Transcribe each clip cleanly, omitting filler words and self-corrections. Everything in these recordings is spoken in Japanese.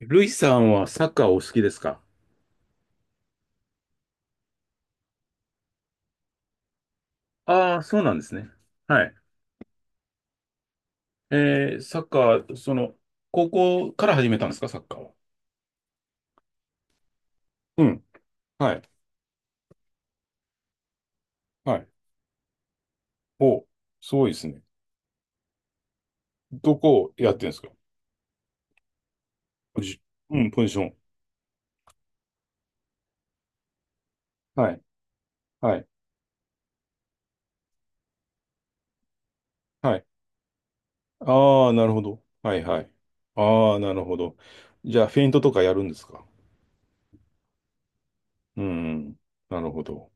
ルイさんはサッカーお好きですか？ああー、そうなんですね。はい。サッカー、その、高校から始めたんですか、サッカーは？うん。はい。はい。お、すごいですね。どこをやってるんですか？ポジション。うん、ポジション。はい。はい。はい。ああ、なるほど。はいはい。ああ、なるほど。じゃあ、フェイントとかやるんですか？うん。なるほど。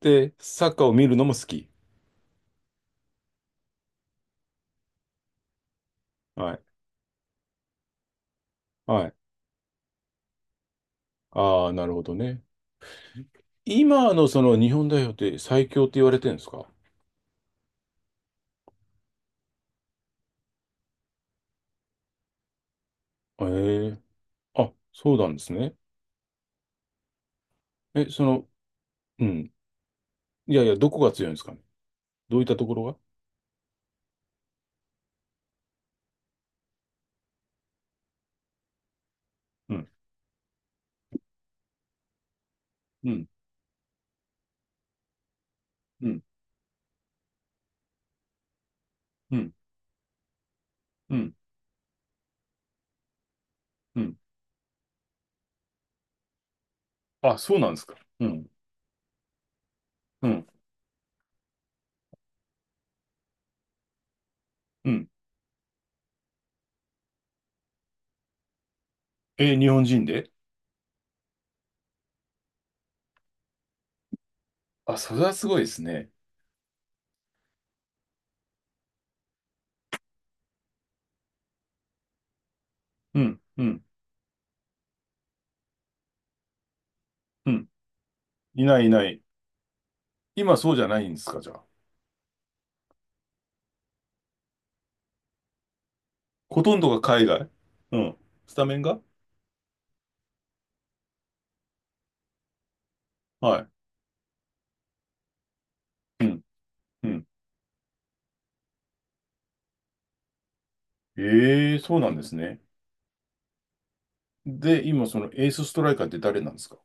で、サッカーを見るのも好き？はい。はい。ああ、なるほどね。今のその日本代表って最強って言われてるんですか？ええ。あ、そうなんですね。え、その、うん。いやいや、どこが強いんですかね。どういったところが。うん、うん、うん、うん、うん、うん。あ、そうなんですか。うん、うん、うん。え、日本人で。あ、それはすごいですね。うん、うん、うん。いないいない。今そうじゃないんですか、じゃあ？ほとんどが海外。うん。スタメンが。はい。うん、うん。ええ、そうなんですね。で、今そのエースストライカーって誰なんですか？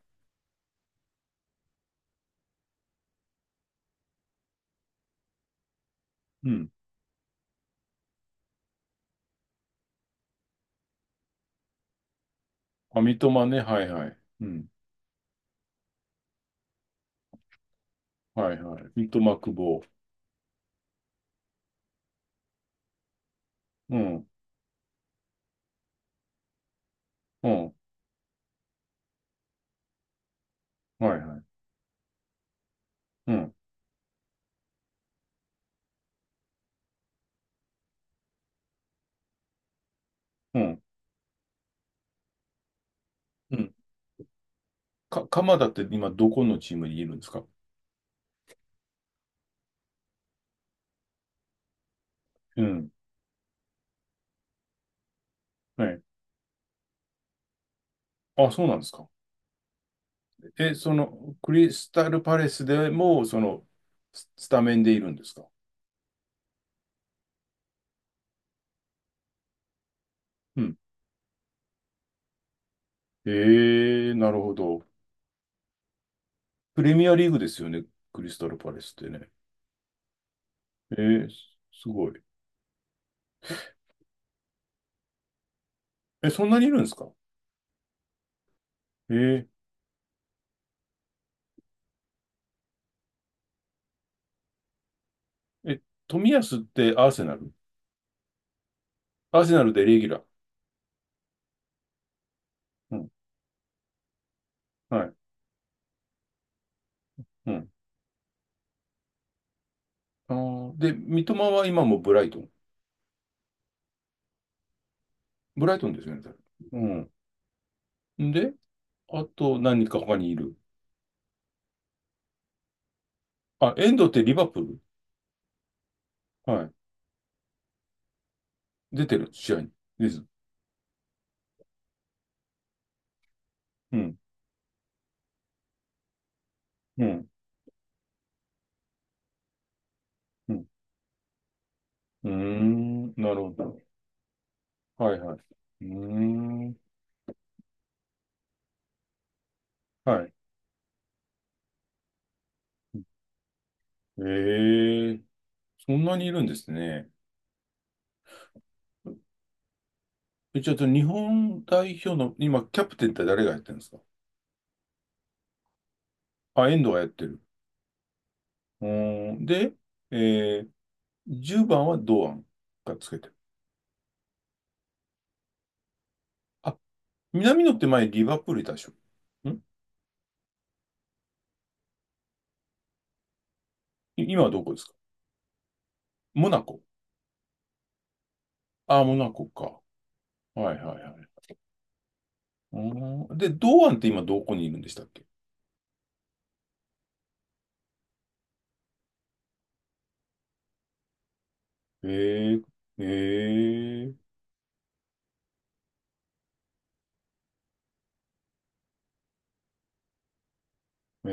うん。あ、三笘ね。はいはい。うん。はいはい。三笘久保。うん。うん。はいはい。うん。うん。うん。鎌田って今どこのチームにいるんですか？うん。はい。あ、そうなんですか。え、その、クリスタルパレスでも、その、ススタメンでいるんですか？うん。えなるほど。プレミアリーグですよね。クリスタルパレスってね。ええ、すごい。え、そんなにいるんですか？ええ、冨安ってアーセナル。アーセナルでレギュラー。うん。はい。うん。あー、で、三笘は今もブライトン。ブライトンですよね、確か。うん。んで、あと何人か他にいる。あ、エンドってリバプール。はい。出てる、試合に？です。うん。うん。うん。うーん。なるほど。はいはい。うーん。はい。ええ、そんなにいるんですね。え、ちょっと日本代表の、今、キャプテンって誰がやってるんですか？あ、遠藤がやってる。うーん。で、え10番は堂安がつけてる。あ、南野って前リバプールいたでしょ？ん。今はどこですか？モナコ。ああ、モナコか。はいはいはい。うーん、で、堂安って今どこにいるんでしたっけ？へえ、へえ、へ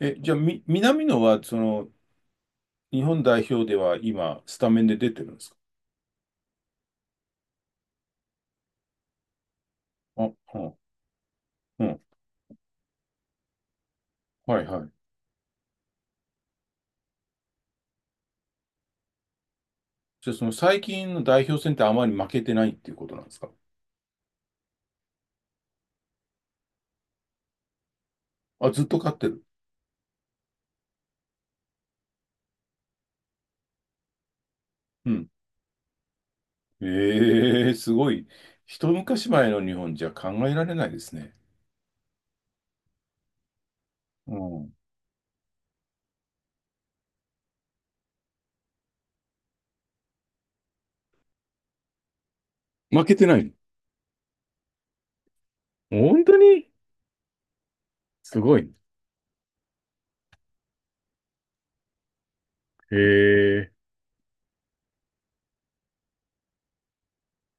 え。え、じゃあ、南野は、その、日本代表では今、スタメンで出てるんですか？あ、うん、うん。はいはい。じゃあ、その最近の代表戦ってあまり負けてないっていうことなんですか？あ、ずっと勝ってる。うん。ええ、すごい。一昔前の日本じゃ考えられないですね。うん。負けてないの？本当にすごい。へえ、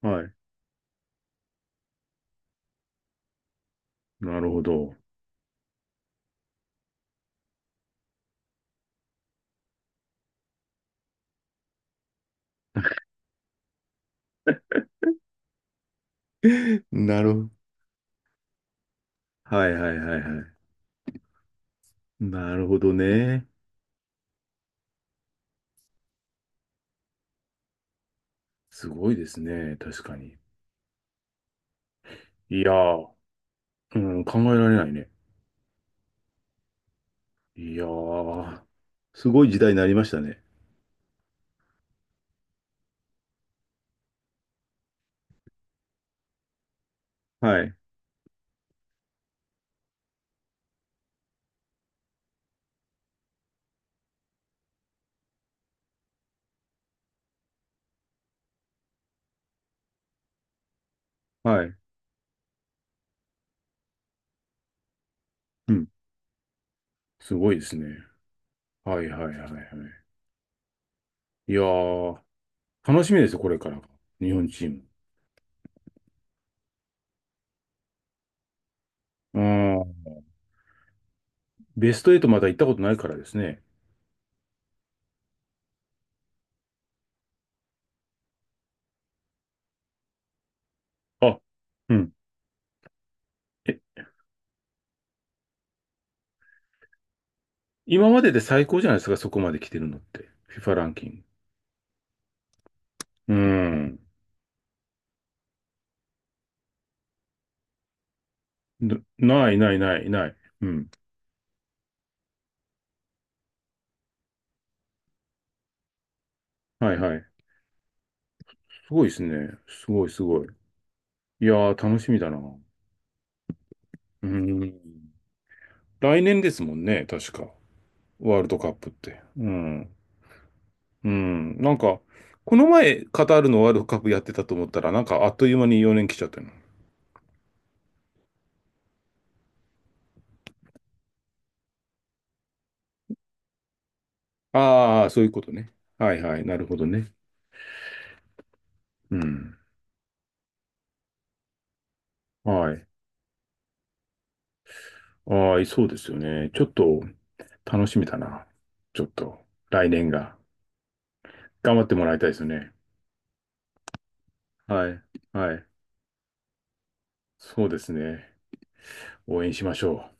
はい。なるほど。なるほど。はいはいはいはい。なるほどね。すごいですね、確かに。いやー、うん、考えられないね。いやー、すごい時代になりましたね。はい、はい。うん、すごいですね。はいはいはいはい。いやー、楽しみですよ、これから日本チーム。うん、ベスト8まだ行ったことないからですね。あ、うん。え、今までで最高じゃないですか、そこまで来てるのって。FIFA ランキング。うん。なないないないない。うん。はいはい。すごいですね。すごいすごい。いやー、楽しみだな。うん。来年ですもんね、確か。ワールドカップって。うん。うん。なんか、この前、カタールのワールドカップやってたと思ったら、なんか、あっという間に4年来ちゃったの。ああ、そういうことね。はいはい。なるほどね。うん。はい。ああ、そうですよね。ちょっと、楽しみだな。ちょっと、来年が。頑張ってもらいたいですね。はい。はい。そうですね。応援しましょう。